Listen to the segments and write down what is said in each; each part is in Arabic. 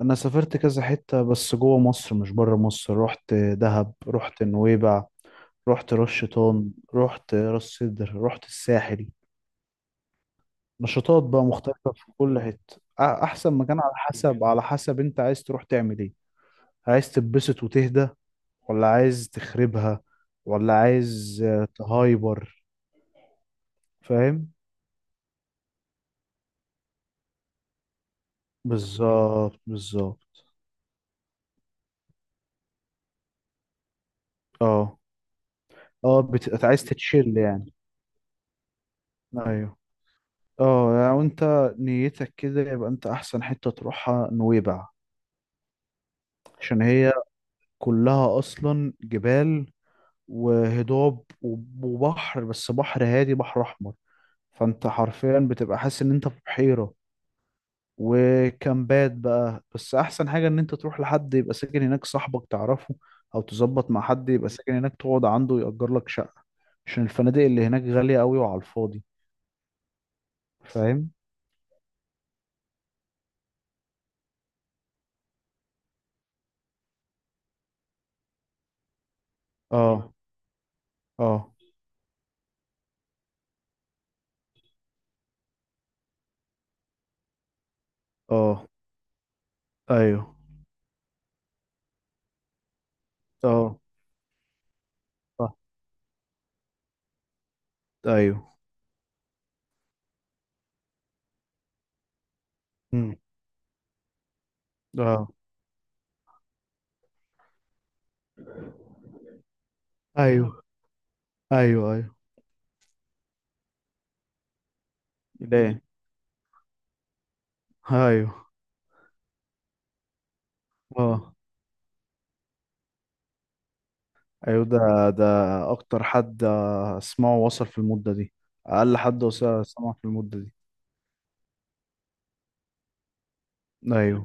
انا سافرت كذا حتة، بس جوه مصر مش بره مصر. رحت دهب، رحت نويبع، رحت رش شيطان، رحت راس سدر، رحت الساحل. نشاطات بقى مختلفة في كل حتة. احسن مكان على حسب انت عايز تروح تعمل ايه؟ عايز تتبسط وتهدى، ولا عايز تخربها، ولا عايز تهايبر. فاهم؟ بالظبط، بالظبط. اه، اه. عايز تتشيل يعني. ايوه. اه، يعني وانت نيتك كده، يبقى انت احسن حتة تروحها نويبع. عشان هي كلها اصلا جبال وهضاب وبحر، بس بحر هادي، بحر احمر. فانت حرفيا بتبقى حاسس ان انت في بحيرة. وكامبات بقى، بس احسن حاجة ان انت تروح لحد يبقى ساكن هناك، صاحبك تعرفه، او تظبط مع حد يبقى ساكن هناك تقعد عنده يأجر لك شقة، عشان الفنادق اللي هناك غالية قوي وعلى الفاضي. فاهم. اه، اه، اه، ايوه، اه، ايوه، امم، اه، ايوه، ايوه، ايوه. ليه؟ ايوه، اه، ايوه، ده. ده اكتر حد اسمعه وصل في المدة دي. اقل حد وصل سمع في المدة دي. ايوه،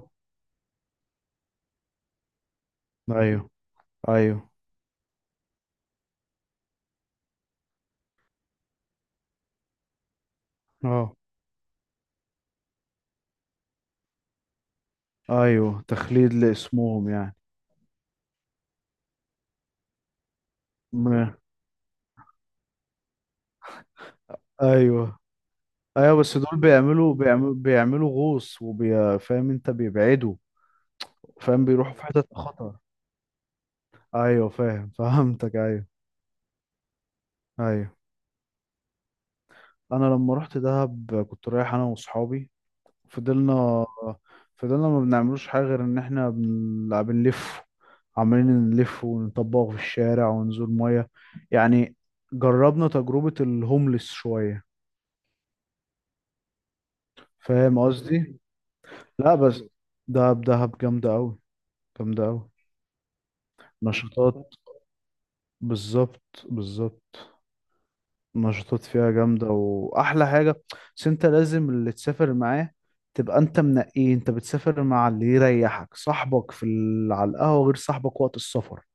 ايوه، ايوه، اه، ايوه، تخليد لاسمهم يعني. م- ايوه، ايوه. بس دول بيعملوا غوص وبيفهم، انت بيبعدوا، فاهم، بيروحوا في حتة خطر. ايوه، فاهم، فهمتك، ايوه. ايوه. انا لما رحت دهب كنت رايح انا واصحابي. فضلنا فضلنا ما بنعملوش حاجة غير إن إحنا بنلف. عمالين نلف ونطبق في الشارع ونزول مية يعني. جربنا تجربة الهوملس شوية. فاهم قصدي؟ لا بس دهب جامدة أوي، جامدة أوي. نشاطات، بالظبط، بالظبط. نشاطات فيها جامدة وأحلى حاجة. بس أنت لازم اللي تسافر معاه تبقى أنت منقيه. أنت بتسافر مع اللي يريحك. صاحبك في على القهوة غير صاحبك وقت السفر.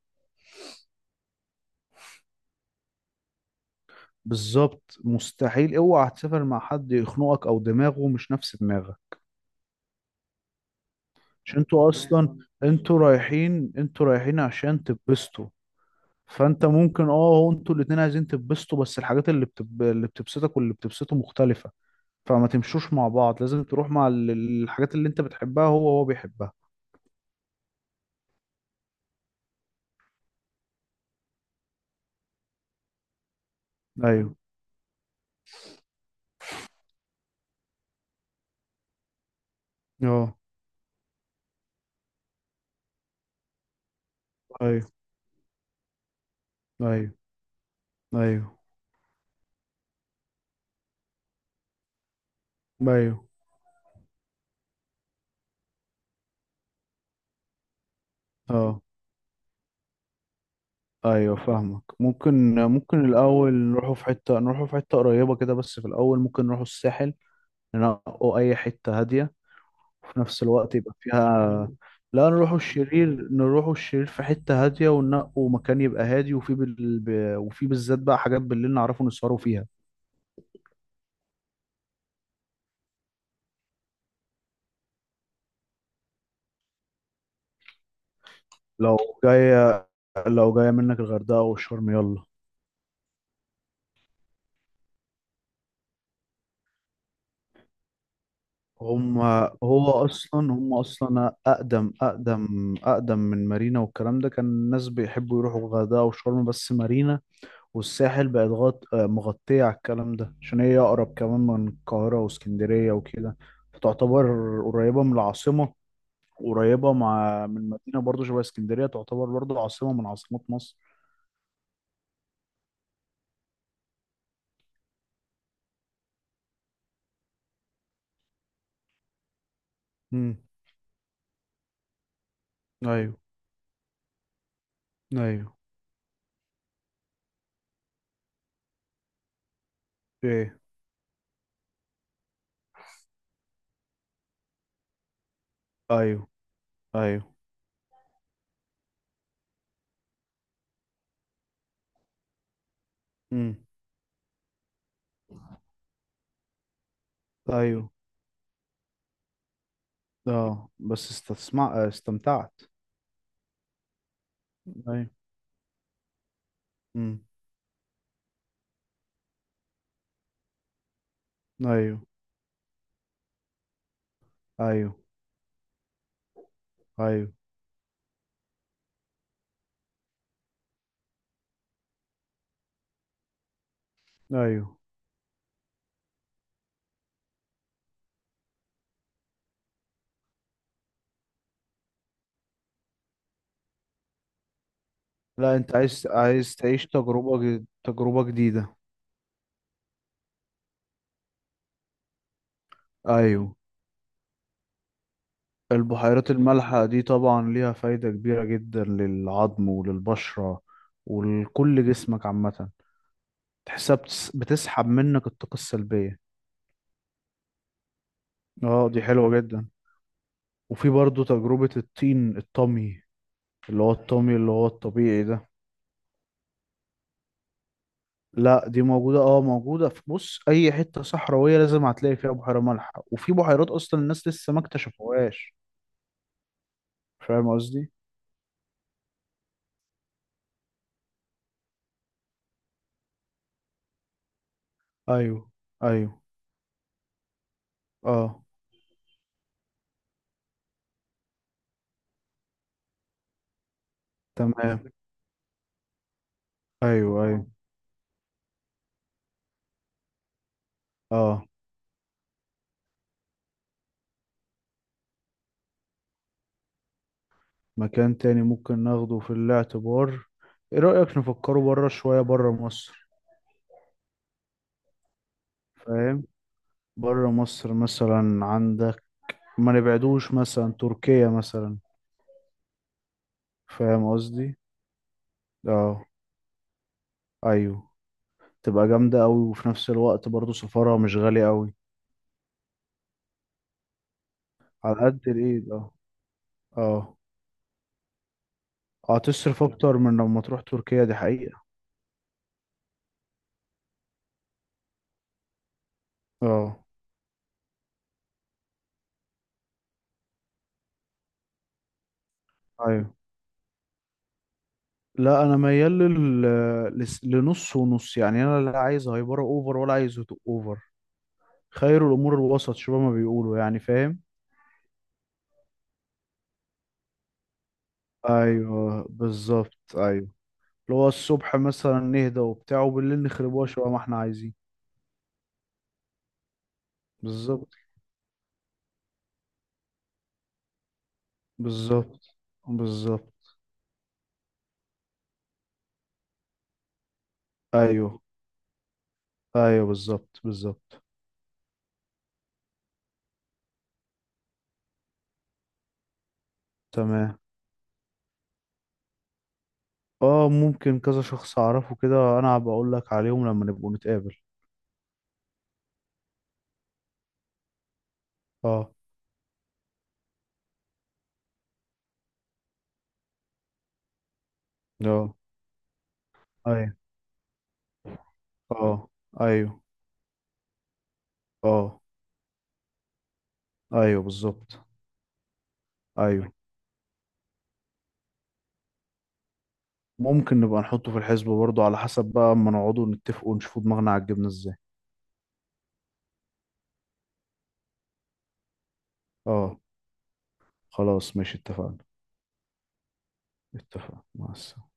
بالظبط، مستحيل. اوعى تسافر مع حد يخنقك او دماغه مش نفس دماغك. عشان انتوا اصلا، انتوا رايحين عشان تبسطوا. فانت ممكن، هو انتوا الاتنين عايزين تبسطوا، بس الحاجات اللي بتبسطك واللي بتبسطه مختلفة. فما تمشوش مع بعض، لازم تروح مع الحاجات اللي انت بتحبها هو بيحبها. ايوه، اه، ايوه، ايوه، ايوه، ايوه، اه، ايوه، فاهمك. ممكن الاول نروحوا في حته قريبه كده، بس في الاول ممكن نروحوا الساحل. ننقوا أي حتة هادية، وفي نفس الوقت يبقى فيها. لا، نروحوا الشرير في حتة هادية، وننقوا مكان يبقى هادي، وفي وفي بالذات بقى حاجات بالليل نعرفوا نسهروا فيها. لو جاية لو جاية منك الغردقة أو الشرم، يلا. هم، هو أصلا هم أصلا أقدم من مارينا. والكلام ده كان الناس بيحبوا يروحوا الغردقة والشرم، بس مارينا والساحل بقت غط... آه، مغطية على الكلام ده، عشان هي أقرب كمان من القاهرة واسكندرية وكده. فتعتبر قريبة من العاصمة، قريبة مع من مدينة برضو شبه اسكندرية، تعتبر برضو عاصمة من عاصمات مصر. امم، أيوه، أيوه. إيه؟ أيوه، أيوه، امم، أيوه. آه، بس استسمع، استمتعت. أيوه، امم، أيوه، أيوه، أيوه، أيوه. لا، أنت عايز تعيش تجربة جديدة. أيوه. البحيرات المالحة دي طبعا ليها فايدة كبيرة جدا للعظم وللبشرة، ولكل جسمك عامة. تحسها بتسحب منك الطاقة السلبية. اه، دي حلوة جدا. وفي برضو تجربة الطين الطمي، اللي هو الطمي، اللي هو الطبيعي ده. لا، دي موجودة، موجودة في، بص، أي حتة صحراوية لازم هتلاقي فيها بحيرة مالحة، وفي بحيرات أصلا الناس لسه ما اكتشفوهاش. فاهم قصدي؟ أيوه، أيوه، اه، تمام. أيوه، أيوه، اه. مكان تاني ممكن ناخده في الاعتبار. ايه رأيك نفكره بره شوية، بره مصر؟ فاهم. بره مصر مثلا عندك، ما نبعدوش، مثلا تركيا مثلا. فاهم قصدي؟ اه، ايوه. تبقى جامدة قوي، وفي نفس الوقت برضو سفرها مش غالي قوي، على قد الايد، اه. اه، هتصرف اكتر من لما تروح تركيا، دي حقيقة. اه، ايوه. لا، انا ميال لنص ونص، يعني انا لا عايز هايبره اوفر ولا عايز هدوء اوفر. خير الأمور الوسط شبه ما بيقولوا يعني، فاهم. أيوه، بالظبط، أيوه. اللي هو الصبح مثلا نهدى وبتاع، وبالليل نخربوها، شبه ما احنا عايزين. بالظبط، بالظبط، بالظبط. أيوه، أيوه، بالظبط، بالظبط. تمام. اه، ممكن كذا شخص أعرفه كده، أنا هبقى أقول لك عليهم لما نبقوا نتقابل. اه، اه، أيوه، اه، أيوه، اه، أيوه، بالظبط، أيوه. ممكن نبقى نحطه في الحسبة برضه، على حسب بقى اما نقعدوا نتفقوا ونشوفوا دماغنا عالجبنة ازاي. اه، خلاص، ماشي، اتفقنا. اتفقنا، مع السلامة.